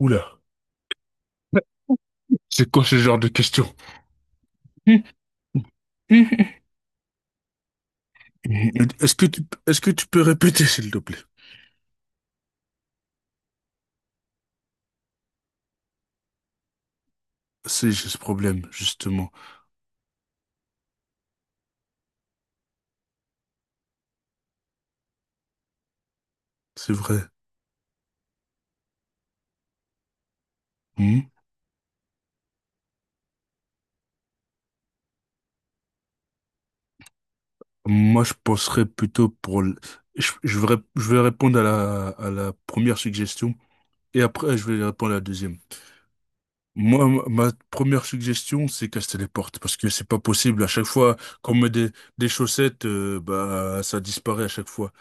Oula, c'est quoi ce genre de question? Est-ce que tu, est-ce que tu peux répéter, s'il te plaît? C'est j'ai ce problème, justement. C'est vrai. Hmm. Moi, je penserais plutôt pour... le- je vais répondre à la première suggestion et après, je vais répondre à la deuxième. Moi, ma première suggestion, c'est qu'elle se téléporte parce que c'est pas possible. À chaque fois qu'on met des chaussettes, bah, ça disparaît à chaque fois.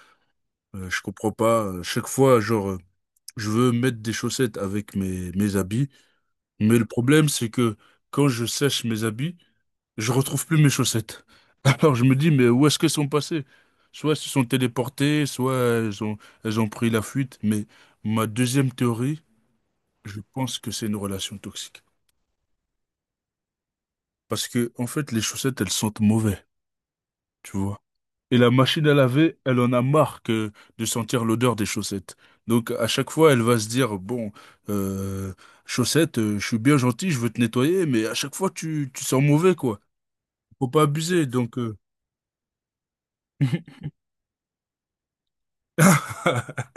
Je comprends pas. À chaque fois, genre, Je veux mettre des chaussettes avec mes habits, mais le problème, c'est que quand je sèche mes habits, je retrouve plus mes chaussettes. Alors je me dis, mais où est-ce qu'elles sont passées? Soit elles se sont téléportées, soit elles ont pris la fuite. Mais ma deuxième théorie, je pense que c'est une relation toxique. Parce que, en fait, les chaussettes, elles sentent mauvais, tu vois. Et la machine à laver, elle en a marre que de sentir l'odeur des chaussettes. Donc à chaque fois, elle va se dire, bon, euh, chaussettes, je suis bien gentil, je veux te nettoyer, mais à chaque fois, tu sens mauvais, quoi. Faut pas abuser, donc...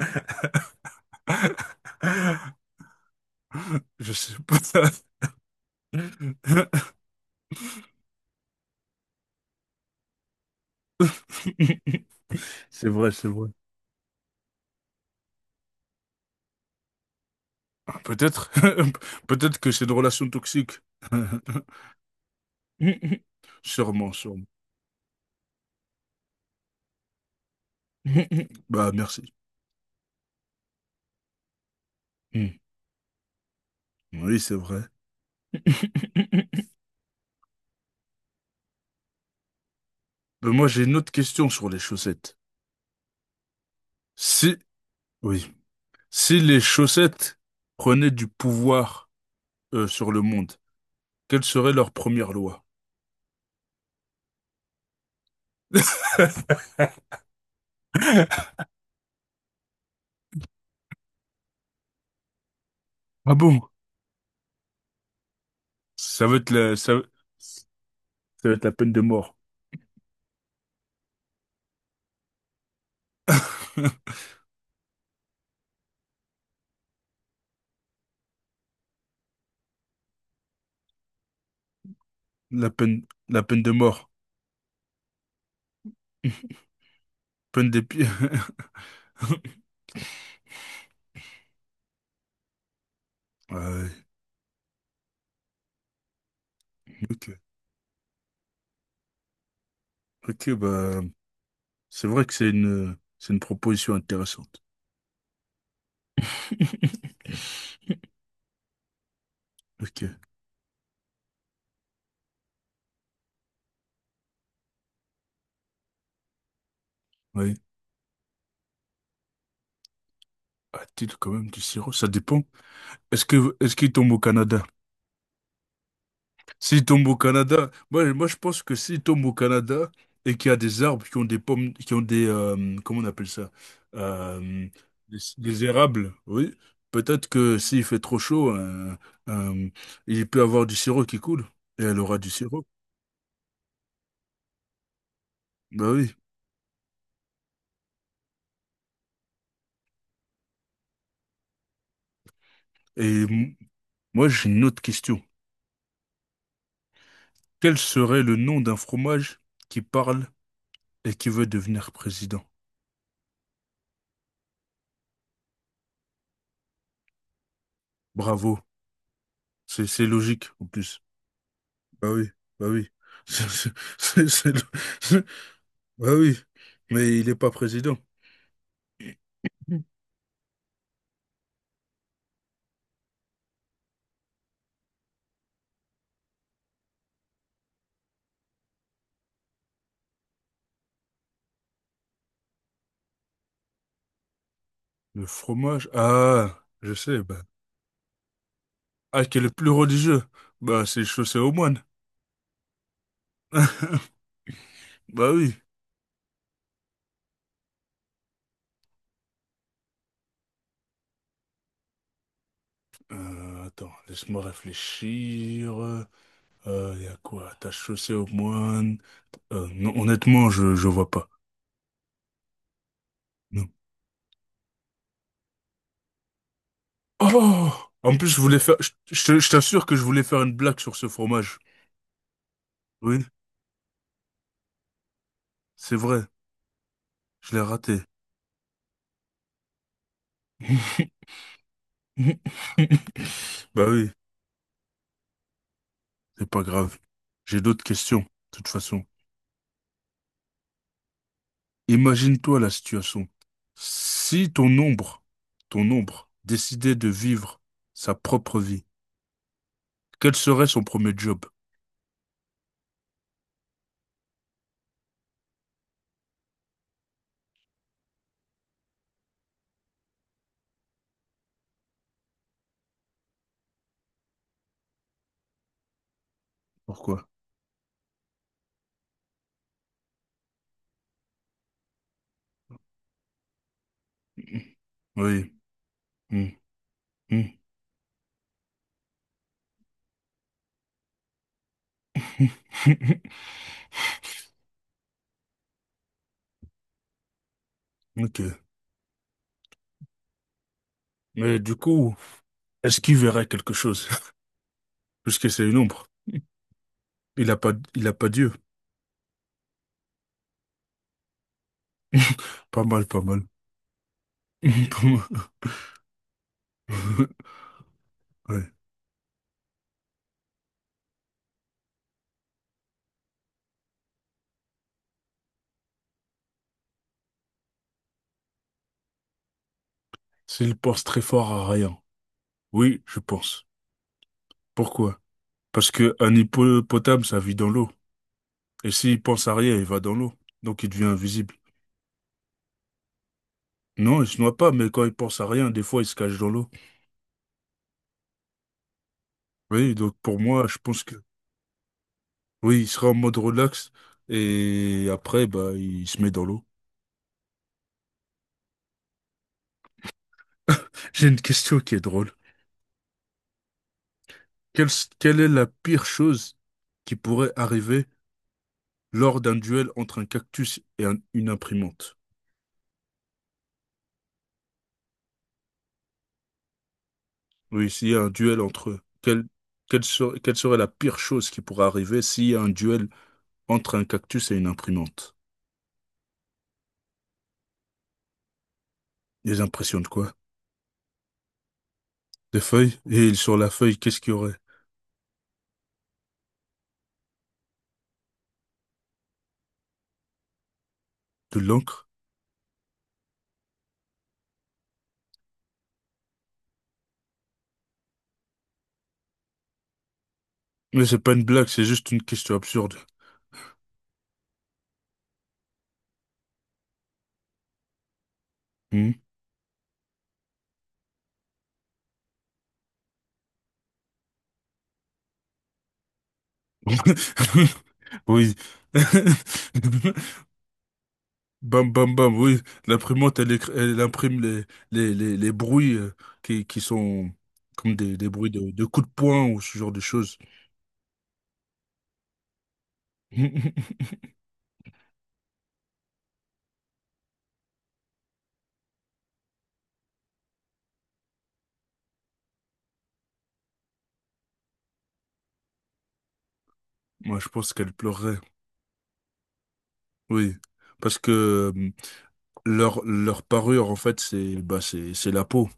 Je sais pas. C'est vrai, c'est vrai. Peut-être, peut-être que c'est une relation toxique. Sûrement, sûrement. Bah, merci. Mm. Oui, c'est vrai. Ben, moi, j'ai une autre question sur les chaussettes. Si, oui, si les chaussettes prenaient du pouvoir sur le monde, quelle serait leur première loi? Ah bon? Ça va être la, ça va être la peine de mort. La peine de mort, peine d'épée. Ouais, ok, ok, bah, c'est vrai que c'est une proposition intéressante. Ok, oui. A-t-il quand même du sirop? Ça dépend. Est-ce qu'il tombe au Canada? S'il tombe au Canada, moi je pense que s'il tombe au Canada et qu'il y a des arbres qui ont des pommes, qui ont des comment on appelle ça? Euh, des érables, oui. Peut-être que s'il fait trop chaud, euh, il peut avoir du sirop qui coule et elle aura du sirop. Bah oui. Et m- moi j'ai une autre question. Quel serait le nom d'un fromage qui parle et qui veut devenir président? Bravo, c'est logique en plus. Bah oui, bah oui. C'est- c'est- c'est- le- Bah oui, mais il n'est pas président. Le fromage, ah, je sais, bah. Ah, qui est le plus religieux? Bah, c'est chaussé aux moines. Bah oui. Attends, laisse-moi réfléchir. Y a quoi? T'as chaussé aux moines? Non, honnêtement, je vois pas. Non. Oh! En plus, je voulais faire, je t'assure que je voulais faire une blague sur ce fromage. Oui, c'est vrai, je l'ai raté. Bah oui, c'est pas grave. J'ai d'autres questions, de toute façon. Imagine-toi la situation. Si ton ombre, ton ombre, décidait de vivre sa propre vie, quel serait son premier job? Pourquoi? Oui. Hmm, hmm. Ok. Mais du coup, est-ce qu'il verrait quelque chose? Puisque c'est une ombre. Il a pas Dieu. Pas mal, pas mal. Ouais. S'il pense très fort à rien. Oui, je pense. Pourquoi? Parce que un hippopotame, ça vit dans l'eau. Et s'il pense à rien, il va dans l'eau. Donc il devient invisible. Non, il se noie pas, mais quand il pense à rien, des fois, il se cache dans l'eau. Oui, donc pour moi, je pense que oui, il sera en mode relax. Et après, bah, il se met dans l'eau. J'ai une question qui est drôle. Quelle, quelle est la pire chose qui pourrait arriver lors d'un duel entre un cactus et un- une imprimante? Oui, s'il y a un duel entre eux, quelle serait la pire chose qui pourrait arriver s'il y a un duel entre un cactus et une imprimante. Des impressions de quoi? Des feuilles? Et sur la feuille, qu'est-ce qu'il y aurait? De l'encre? Mais c'est pas une blague, c'est juste une question absurde. Hmm. Oui. Bam, bam, bam, oui. L'imprimante, elle, écri- elle imprime les bruits qui sont comme des bruits de coups de poing ou ce genre de choses. Moi, je pense qu'elle pleurerait, oui. Parce que leur parure, en fait, c'est bah, c'est la peau.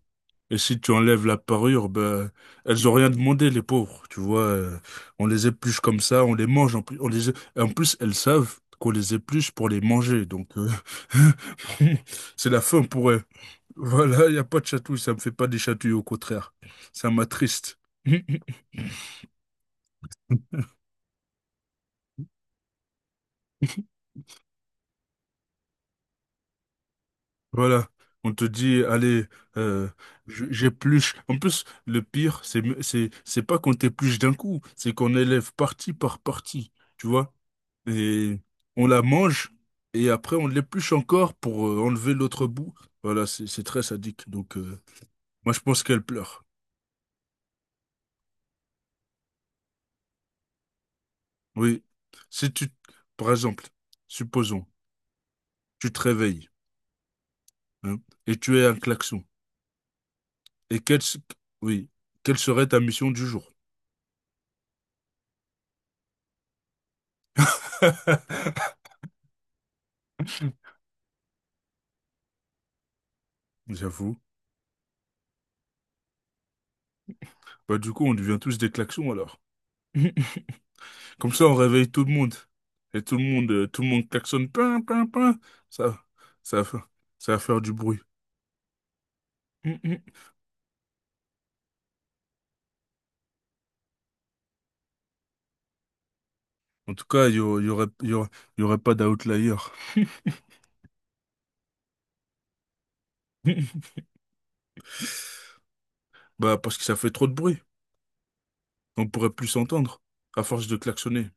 Et si tu enlèves la parure, ben, elles ont rien demandé, les pauvres. Tu vois, on les épluche comme ça, on les mange. En plus, on les... en plus elles savent qu'on les épluche pour les manger. Donc, c'est la fin pour elles. Voilà, il n'y a pas de chatouille. Ça me fait pas des chatouilles, au contraire. Ça m'attriste. Voilà. On te dit, allez, euh, je- j'épluche. En plus, le pire, c'est pas qu'on t'épluche d'un coup, c'est qu'on élève partie par partie. Tu vois? Et on la mange et après on l'épluche encore pour enlever l'autre bout. Voilà, c'est très sadique. Donc moi je pense qu'elle pleure. Oui. Si tu, par exemple, supposons, tu te réveilles hein, et tu es un klaxon. Et oui, quelle serait ta mission du jour? J'avoue. Bah du coup on devient tous des klaxons alors. Comme ça on réveille tout le monde. Et tout le monde klaxonne. Pin, pin, pin. Ça, ça, va- fa- ça va faire du bruit. En tout cas, il y, au- il y aurait, il y aurait, il y aurait pas d'outlier. Bah, parce que ça fait trop de bruit. On pourrait plus s'entendre, à force de klaxonner.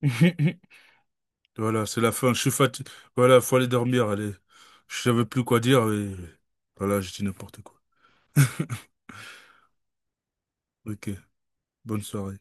Voilà, c'est la fin. Je suis fatigué. Voilà, faut aller dormir. Allez. Je savais plus quoi dire et voilà, j'ai dit n'importe quoi. Ok, bonne soirée.